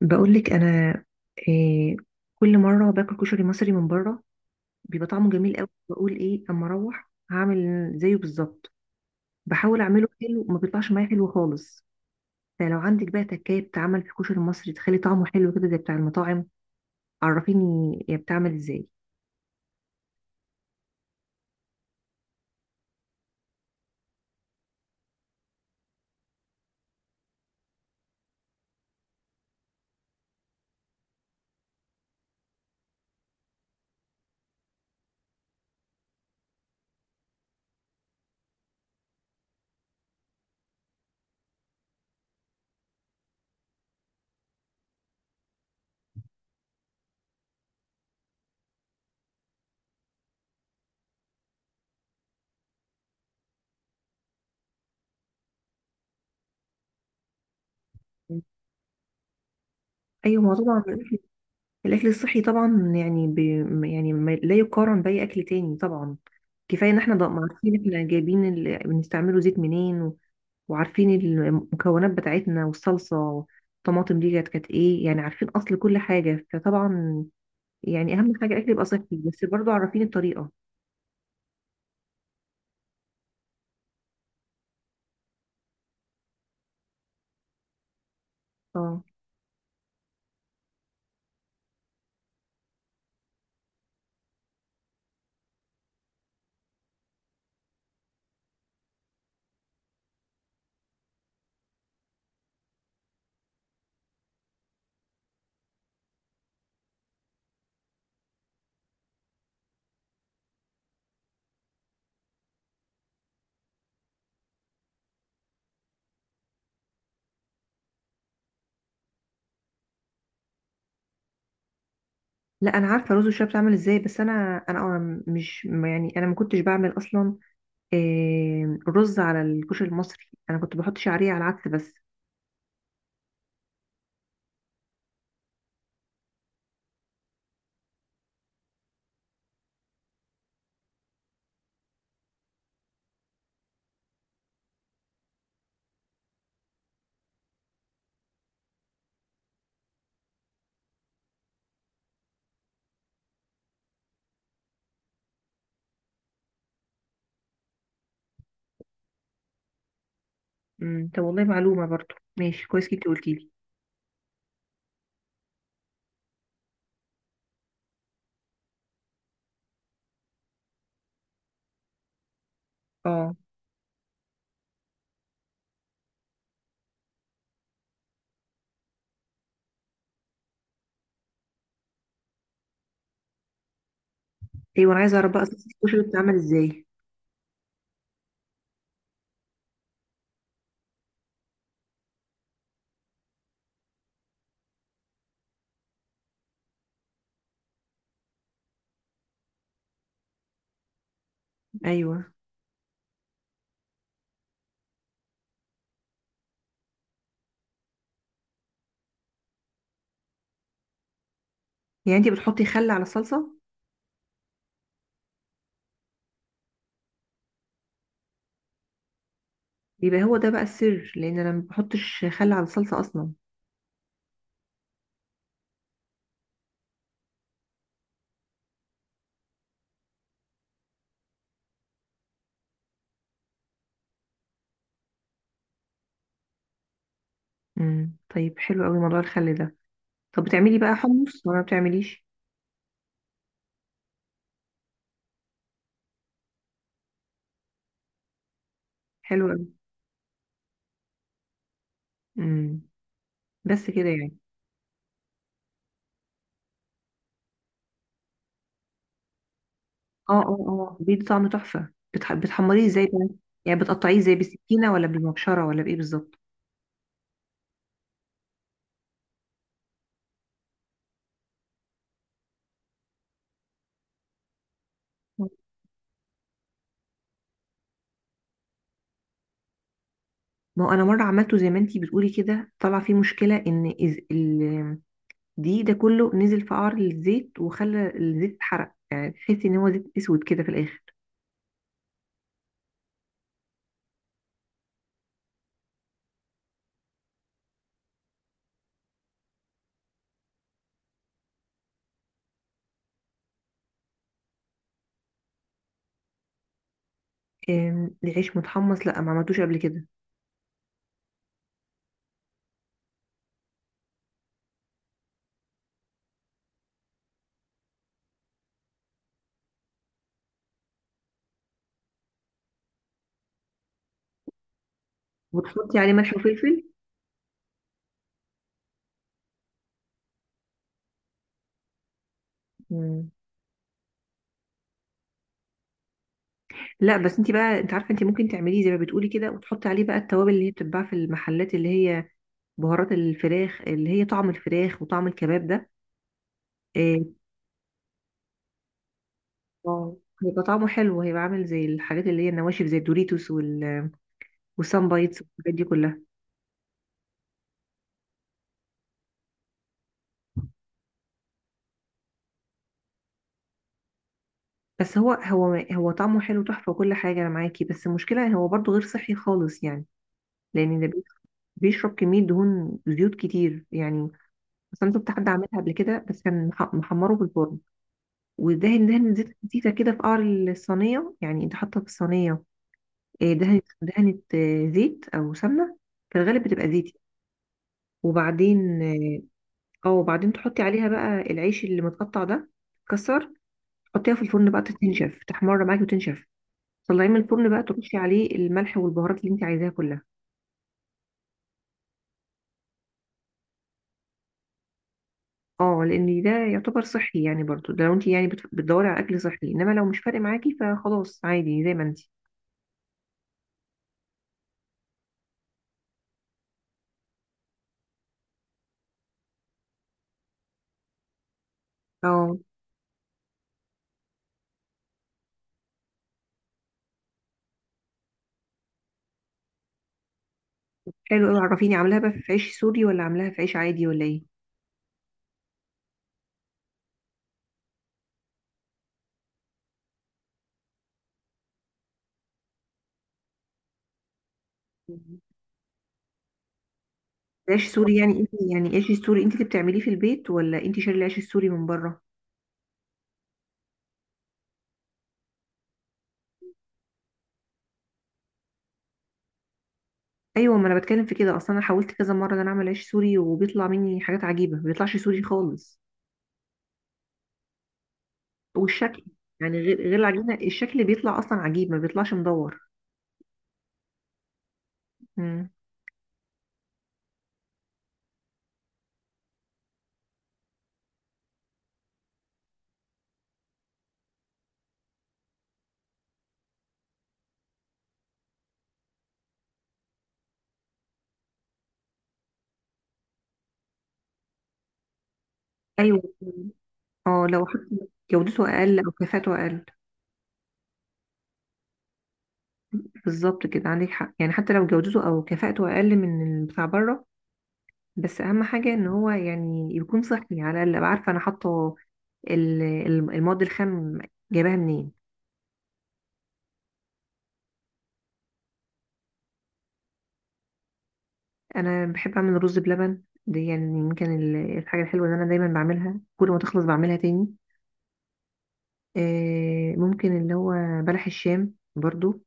بقولك انا إيه. كل مره باكل كشري مصري من بره بيبقى طعمه جميل قوي. بقول ايه اما اروح هعمل زيه بالظبط. بحاول اعمله حلو وما بيطلعش معايا حلو خالص. فلو عندك بقى تكايه بتعمل في الكشري المصري تخلي طعمه حلو كده زي بتاع المطاعم، عرفيني هي بتعمل ازاي؟ ايوه، ما هو طبعا الأكل الصحي طبعا، يعني يعني لا يقارن باي اكل تاني طبعا. كفايه ان احنا عارفين احنا جايبين بنستعمله زيت منين، وعارفين المكونات بتاعتنا والصلصة والطماطم دي كانت ايه، يعني عارفين اصل كل حاجة، فطبعا يعني اهم حاجة الاكل يبقى صحي بس برضو عارفين الطريقة. اه. لا، انا عارفة رز الشعب بتعمل ازاي، بس انا انا أنا مش يعني انا ما كنتش بعمل اصلا رز على الكشري المصري، انا كنت بحط شعرية على العدس بس. طب والله معلومة برضو ماشي كويس جدا قلتي لي. اه، ايوه، انا عايزة اعرف بقى صلصة الكشري بتتعمل ازاي؟ ايوه، يعني انت بتحطي خل على الصلصة؟ بيبقى هو ده بقى السر، لان انا ما بحطش خل على الصلصه اصلا. طيب حلو قوي موضوع الخل ده. طب بتعملي بقى حمص ولا ما بتعمليش؟ حلو قوي. امم بس كده يعني. اه، اه، اه، بيدي طعم تحفه، بتحمريه ازاي بقى؟ يعني بتقطعيه ازاي، بالسكينه ولا بالمبشره ولا بايه بالظبط؟ ما هو انا مره عملته زي ما انتي بتقولي كده طلع فيه مشكله، ان دي ده كله نزل في قعر الزيت وخلى الزيت اتحرق، يعني تحسي ان هو زيت اسود كده في الاخر. العيش متحمص؟ لا، ما عملتوش قبل كده. وتحطي عليه ملح وفلفل؟ مم. لا، بس انت بقى انت عارفه انت ممكن تعمليه زي ما بتقولي كده، وتحطي عليه بقى التوابل اللي هي بتتباع في المحلات، اللي هي بهارات الفراخ اللي هي طعم الفراخ وطعم الكباب ده. آه، اه هيبقى طعمه حلو، هيبقى عامل زي الحاجات اللي هي النواشف زي الدوريتوس والسان بايتس والحاجات دي كلها. بس هو طعمه حلو تحفه وكل حاجه انا معاكي، بس المشكله هو برضه غير صحي خالص يعني، لان ده بيشرب كميه دهون زيوت كتير يعني. اصلا شفت حد عملها قبل كده بس كان محمره في الفرن، ودهن دهن زيت خفيفة كده في قعر الصينية، يعني انت حاطة في الصينية دهنة دهنة زيت أو سمنة، في الغالب بتبقى زيتي. وبعدين اه آه، وبعدين تحطي عليها بقى العيش اللي متقطع ده كسر، تحطيها في الفرن بقى تنشف، تحمر معاكي وتنشف. طلعيه من الفرن بقى، ترشي عليه الملح والبهارات اللي انت عايزاها كلها. اه، لان ده يعتبر صحي يعني برضو، ده لو انت يعني بتدوري على اكل صحي، انما لو مش فارق معاكي فخلاص عادي زي ما انت. اه، حلو قوي. عرفيني عاملاها بقى في عيش سوري ولا عاملاها في عيش عادي ولا ايه؟ العيش السوري، يعني انت يعني العيش السوري انت اللي بتعمليه في البيت ولا انت شاري العيش السوري من بره؟ ايوه، ما انا بتكلم في كده اصلا، انا حاولت كذا مره ان انا اعمل عيش سوري وبيطلع مني حاجات عجيبه، ما بيطلعش سوري خالص. والشكل، يعني غير العجينه، الشكل بيطلع اصلا عجيب، ما بيطلعش مدور. امم. ايوه. اه، لو حتى جودته اقل او كفاءته اقل. بالظبط كده، عندك حق، يعني حتى لو جودته او كفاءته اقل من بتاع بره، بس اهم حاجه ان هو يعني يكون صحي، على الاقل ابقى عارفه انا حاطه المواد الخام جايباها منين. انا بحب اعمل رز بلبن دي، يعني يمكن الحاجه الحلوه اللي انا دايما بعملها، كل ما تخلص بعملها تاني. ممكن اللي هو بلح الشام برضو.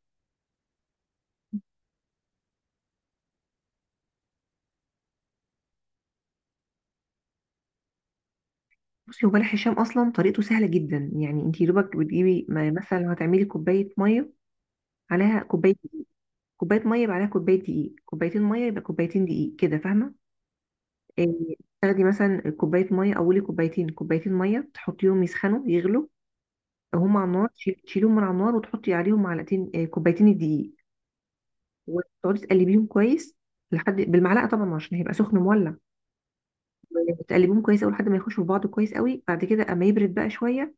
بصي، هو بلح الشام اصلا طريقته سهله جدا، يعني انت دوبك بتجيبي مثلا لو هتعملي كوبايه ميه عليها كوبايه ميه، يبقى عليها كوبايه دقيق، كوبايتين ميه يبقى كوبايتين دقيق كده، فاهمه؟ آه، تاخدي مثلا كوبايه ميه اولي، كوبايتين ميه، تحطيهم يسخنوا يغلوا هم على النار، تشيليهم من على النار وتحطي عليهم معلقتين آه، كوبايتين الدقيق، وتقعدي تقلبيهم كويس لحد بالمعلقه طبعا، عشان هيبقى سخن مولع. تقلبيهم كويس قوي لحد ما يخشوا في بعض كويس قوي، بعد كده اما يبرد بقى شويه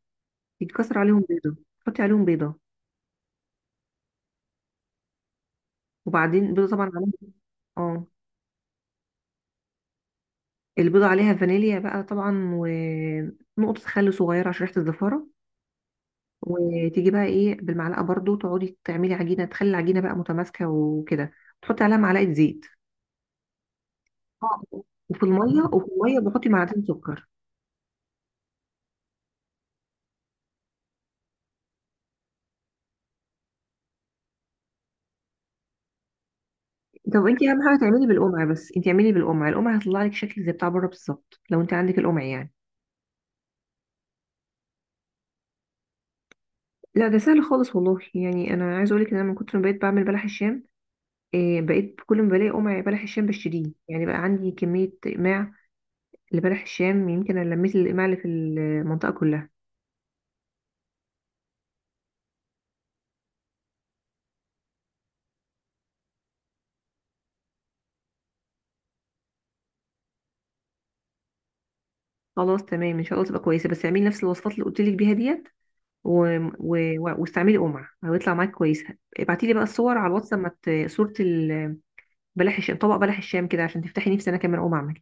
يتكسر عليهم بيضه، تحطي عليهم بيضه، وبعدين بيضه طبعا عليهم، اه البيضه عليها فانيليا بقى طبعا، ونقطه خل صغيره عشان ريحه الزفاره. وتيجي بقى ايه بالمعلقه برضو تقعدي تعملي عجينه، تخلي العجينه بقى متماسكه وكده، تحطي عليها معلقه زيت. آه. وفي الميه بحطي معلقتين سكر. طب انت اهم حاجه تعملي بالقمع، بس انت اعملي بالقمع، القمع هيطلع لك شكل زي بتاع بره بالظبط لو انت عندك القمع يعني. لا، ده سهل خالص والله، يعني انا عايزه اقول لك ان انا من كتر ما بقيت بعمل بلح الشام، إيه، بقيت كل ما بلاقي قمع بلح الشام بشتريه، يعني بقى عندي كميه اقماع لبلح الشام، يمكن انا لميت الاقماع اللي في المنطقه كلها. خلاص تمام، ان شاء الله تبقى كويسه، بس اعملي نفس الوصفات اللي قلت لك بيها ديت، و... و... واستعملي قمع هيطلع معاك كويس. ابعتي لي بقى الصور على الواتس لما صوره بلح الشام، طبق بلح الشام كده عشان تفتحي نفسي انا كمان اقوم اعمل.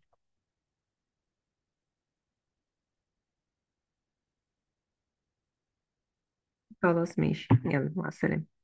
خلاص، ماشي يلا، مع السلامة.